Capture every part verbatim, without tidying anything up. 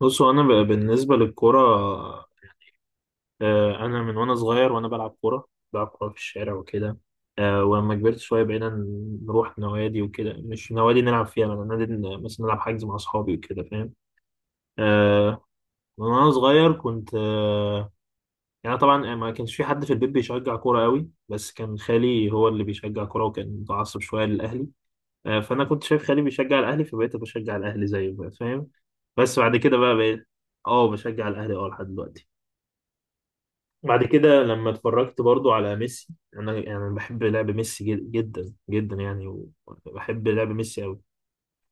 بصوا انا ب- بالنسبه للكوره، آه، انا من وانا صغير وانا بلعب كوره. بلعب كوره في الشارع وكده. آه، ولما كبرت شويه بقينا ن- نروح نوادي وكده، مش نوادي نلعب فيها بقى، نادي ن- مثلا نلعب حجز مع اصحابي وكده، فاهم. آه، من وانا صغير كنت آه، يعني طبعا ما كانش في حد في البيت بيشجع كوره قوي، بس كان خالي هو اللي بيشجع كوره وكان متعصب شويه للاهلي. آه، فانا كنت شايف خالي بيشجع الاهلي فبقيت بشجع الاهلي زيه بقى، فاهم. بس بعد كده بقى بقيت اه بشجع الاهلي، اه لحد دلوقتي. بعد كده لما اتفرجت برضو على ميسي، انا يعني بحب لعب ميسي جد- جدا جدا يعني. وبحب لعب ميسي قوي.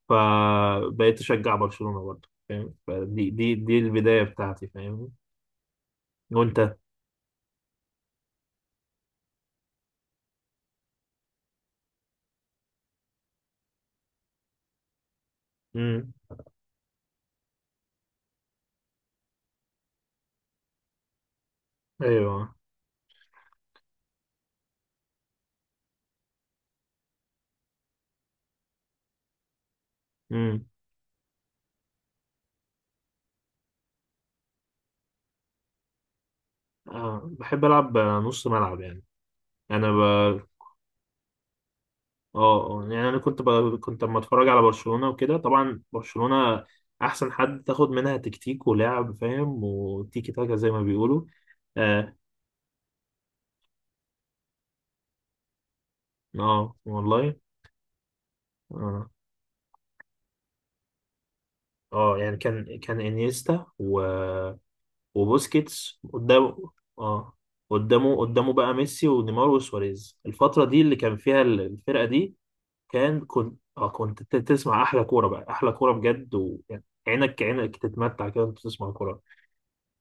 فبقيت اشجع برشلونة برضو، فاهم. فدي دي دي البداية بتاعتي، فاهم. وانت؟ امم. ايوه. امم. آه بحب العب نص ملعب يعني. انا ب... اه آه، يعني انا كنت ب... كنت لما اتفرج على برشلونة وكده، طبعا برشلونة احسن حد تاخد منها تكتيك ولعب، فاهم، وتيكي تاكا زي ما بيقولوا. اه. آه، والله. اه. اه يعني كان كان انيستا و... وبوسكيتس قدامه. اه، قدامه قدامه بقى ميسي ونيمار وسواريز، الفترة دي اللي كان فيها ال- الفرقة دي. كان كنت اه كنت ت- تسمع احلى كورة بقى، احلى كورة بجد، وعينك عينك تتمتع كده وانت تسمع كورة.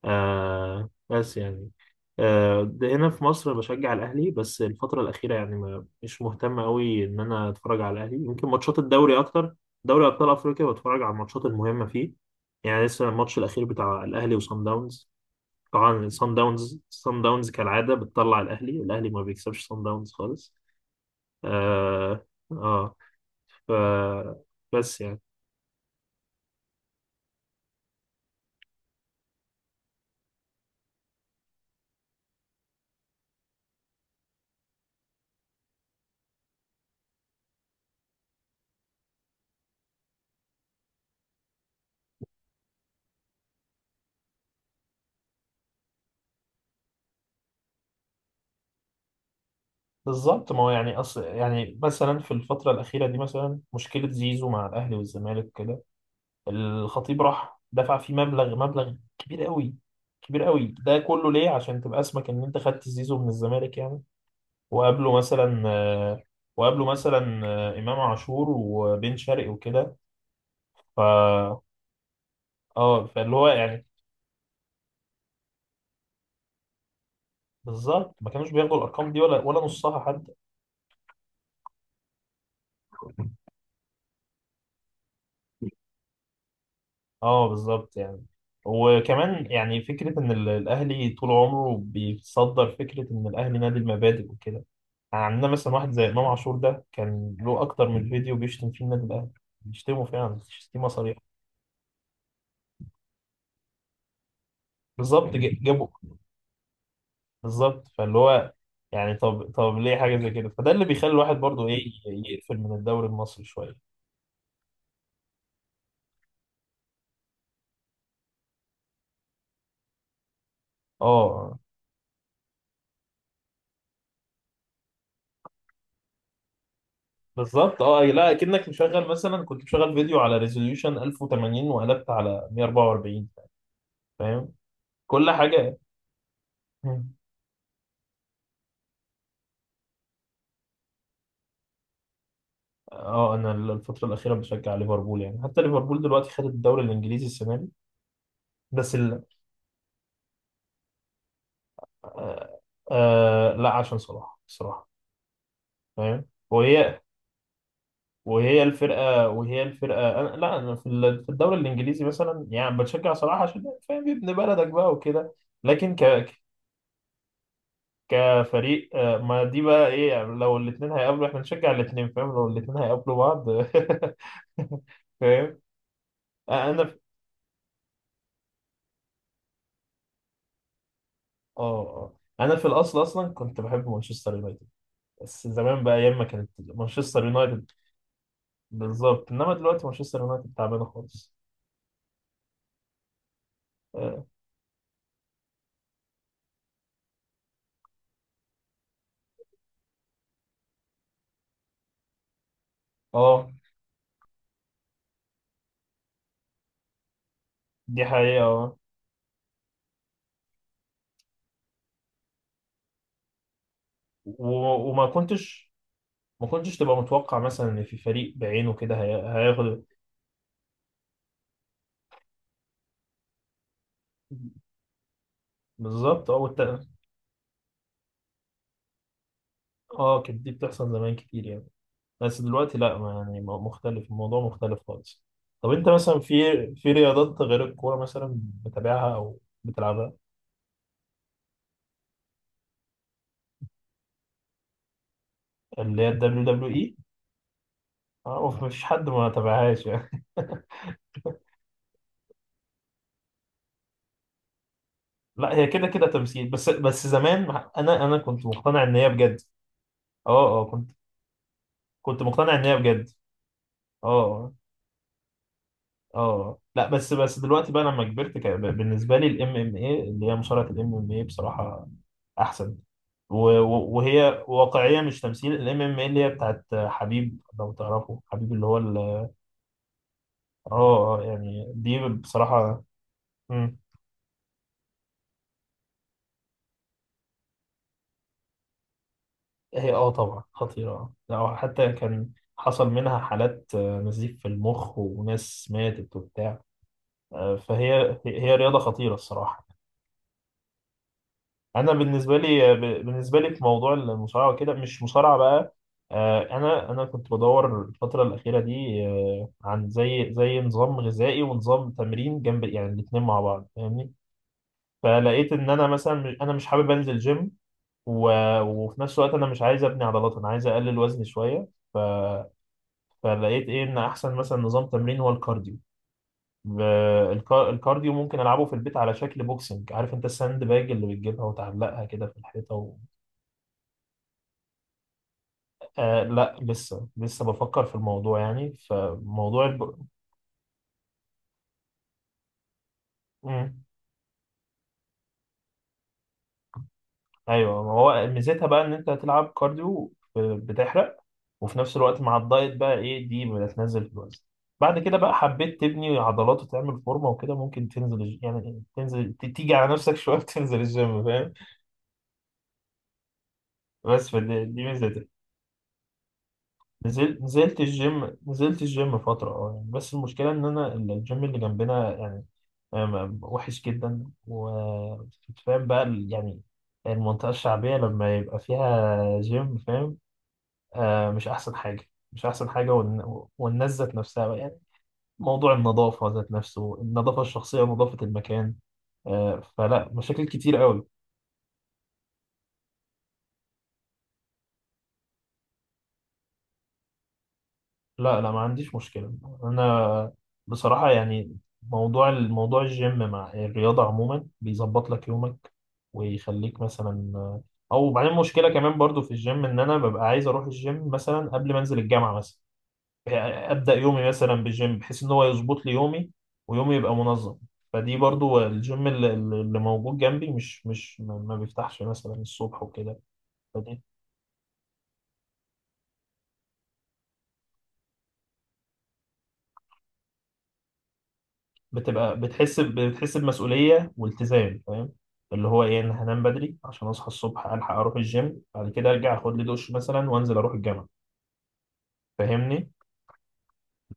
آه بس يعني. آه ده هنا في مصر بشجع الأهلي، بس الفترة الأخيرة يعني ما مش مهتم أوي إن أنا أتفرج على الأهلي، يمكن ماتشات الدوري أكتر. دوري أبطال أفريقيا بتفرج على الماتشات المهمة فيه. يعني لسه الماتش الأخير بتاع الأهلي وصن داونز، طبعا صن داونز صن داونز كالعادة بتطلع الأهلي الأهلي ما بيكسبش صن داونز خالص. آه. آه. ف، بس يعني، بالظبط. ما هو يعني أصل يعني مثلا في الفترة الأخيرة دي، مثلا مشكلة زيزو مع الأهلي والزمالك كده، الخطيب راح دفع فيه مبلغ مبلغ كبير قوي، كبير قوي. ده كله ليه؟ عشان تبقى اسمك ان انت خدت زيزو من الزمالك يعني، وقابله مثلا آه، وقابله مثلا آه، امام عاشور وبن شرقي وكده. ف، اه فاللي هو يعني، بالظبط ما كانوش بياخدوا الارقام دي، ولا ولا نصها حد. اه بالظبط يعني. وكمان يعني فكرة إن ال- الأهلي طول عمره بيصدر فكرة إن الأهلي نادي المبادئ وكده. يعني عندنا مثلا واحد زي إمام عاشور، ده كان له أكتر من فيديو بيشتم فيه النادي الأهلي، بيشتمه فعلا شتيمة صريحة. بالظبط ج- جابه. بالظبط فاللي هو يعني، طب طب ليه حاجة زي كده؟ فده اللي بيخلي الواحد برضه إيه، ي- يقفل من الدوري المصري شوية. اه بالظبط. اه لا كأنك مشغل مثلا، كنت مشغل فيديو على ريزوليوشن ألف وثمانين وقلبت على مية واربعة واربعين، فاهم، كل حاجة. اه انا الفترة الأخيرة بشجع ليفربول، يعني حتى ليفربول دلوقتي خدت الدوري الإنجليزي السنة دي. بس ال... آه... آه... لا عشان صلاح الصراحة، فاهم. وهي، وهي الفرقة وهي الفرقة أنا... لا أنا في ال- في الدوري الإنجليزي مثلا يعني بشجع صلاح عشان فاهم ابن بلدك بقى وكده. لكن ك... كفريق آه، ما دي بقى ايه يعني، لو الاثنين هيقابلوا احنا نشجع الاثنين، فاهم، لو الاثنين هيقابلوا بعض فاهم. انا اه، اه انا في الاصل اصلا كنت بحب مانشستر يونايتد، بس زمان بقى، ايام ما كانت مانشستر يونايتد. بالظبط، انما دلوقتي مانشستر يونايتد تعبانه خالص. اه آه، دي حقيقه اه. و- وما كنتش ما كنتش تبقى متوقع مثلا ان في فريق بعينه كده هي- هياخد. بالظبط اه والت... اه كانت دي بتحصل زمان كتير يعني، بس دلوقتي لا ما يعني م- مختلف، الموضوع مختلف خالص. طب انت مثلا في، في رياضات غير الكوره مثلا بتتابعها او بتلعبها؟ اللي هي الدبليو دبليو. اه مفيش حد ما تابعهاش يعني لا هي كده كده تمثيل، بس بس زمان انا انا كنت مقتنع ان هي بجد. اه. اه كنت، كنت مقتنع ان هي بجد. اه. اه آه. لا بس بس دلوقتي بقى لما كبرت كان بالنسبه لي الام ام اي اللي هي مصارعه، الام ام اي بصراحه احسن، و- و- وهي واقعيه مش تمثيل، الام ام اي اللي هي بتاعت حبيب، لو تعرفه حبيب اللي هو ال- اه آه، يعني دي بصراحه هي اه طبعا خطيرة. آه، لو حتى كان حصل منها حالات آه، نزيف في المخ وناس ماتت وبتاع. آه، فهي هي رياضة خطيرة الصراحة. أنا بالنسبة لي آه، ب- بالنسبة لي في موضوع المصارعة وكده مش مصارعة بقى. آه، أنا أنا كنت بدور الفترة الأخيرة دي آه، عن زي زي نظام غذائي ونظام تمرين جنب، يعني الاتنين مع بعض فاهمني. فلقيت إن أنا مثلا أنا مش حابب أنزل جيم، و- وفي نفس الوقت أنا مش عايز أبني عضلات، أنا عايز أقلل وزني شوية. ف، فلقيت ايه ان احسن مثلا نظام تمرين هو الكارديو. ب- الك- الكارديو ممكن العبه في البيت على شكل بوكسنج، عارف انت الساند باج اللي بتجيبها وتعلقها كده في الحيطه و... آه لا لسه لسه بفكر في الموضوع يعني، فموضوع الب... مم. ايوه ما هو ميزتها بقى ان انت هتلعب كارديو، ب- بتحرق، وفي نفس الوقت مع الدايت بقى ايه دي بتنزل في الوزن. بعد كده بقى حبيت تبني عضلات وتعمل فورمه وكده، ممكن تنزل الج- يعني تنزل ت- تيجي على نفسك شويه تنزل الجيم، فاهم. بس فدي دي ميزتها. نزلت، نزلت الجيم نزلت الجيم فترة اه يعني، بس المشكلة إن أنا ال- الجيم اللي جنبنا يعني آم، وحش جدا، وفاهم بقى ال- يعني المنطقة الشعبية لما يبقى فيها جيم فاهم. آه مش أحسن حاجة، مش أحسن حاجة، والن- والناس ذات نفسها بقى يعني، موضوع النظافة ذات نفسه، النظافة الشخصية ونظافة المكان. آه فلا، مشاكل كتير قوي. لا لا ما عنديش مشكلة، أنا بصراحة يعني، موضوع الموضوع الجيم مع الرياضة عموما بيظبط لك يومك ويخليك مثلا، أو بعدين مشكلة كمان برضو في الجيم إن أنا ببقى عايز أروح الجيم مثلا قبل ما أنزل الجامعة، مثلا أبدأ يومي مثلا بالجيم بحيث إن هو يظبط لي يومي ويومي يبقى منظم. فدي برضو الجيم اللي، اللي موجود جنبي مش مش ما ما بيفتحش مثلا الصبح وكده. بتبقى بتحس ب- بتحس بمسؤولية والتزام، فاهم، اللي هو ايه، انا هنام بدري عشان اصحى الصبح الحق اروح الجيم، بعد كده ارجع اخد لي دش مثلا وانزل اروح الجامعة، فاهمني،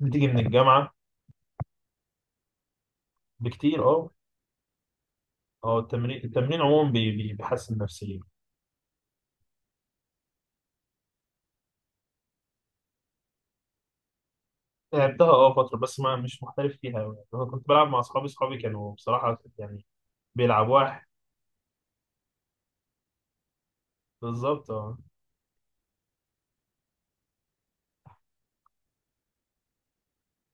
بتيجي من الجامعة بكتير. اه اه التمرين التمرين عموما بي- بي- بيحسن نفسيا. لعبتها اه فترة، بس ما مش محترف فيها أوي. انا كنت بلعب مع اصحابي اصحابي كانوا بصراحة يعني بيلعبوا واحد. بالظبط اه.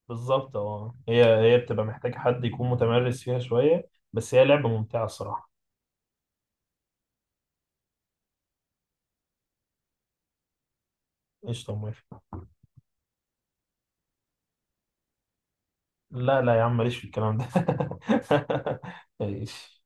بالظبط اه، هي، هي بتبقى محتاجة حد يكون متمرس فيها شوية، بس هي لعبة ممتعة الصراحة. قشطة موافق. لا لا يا عم، ماليش في الكلام ده ماليش.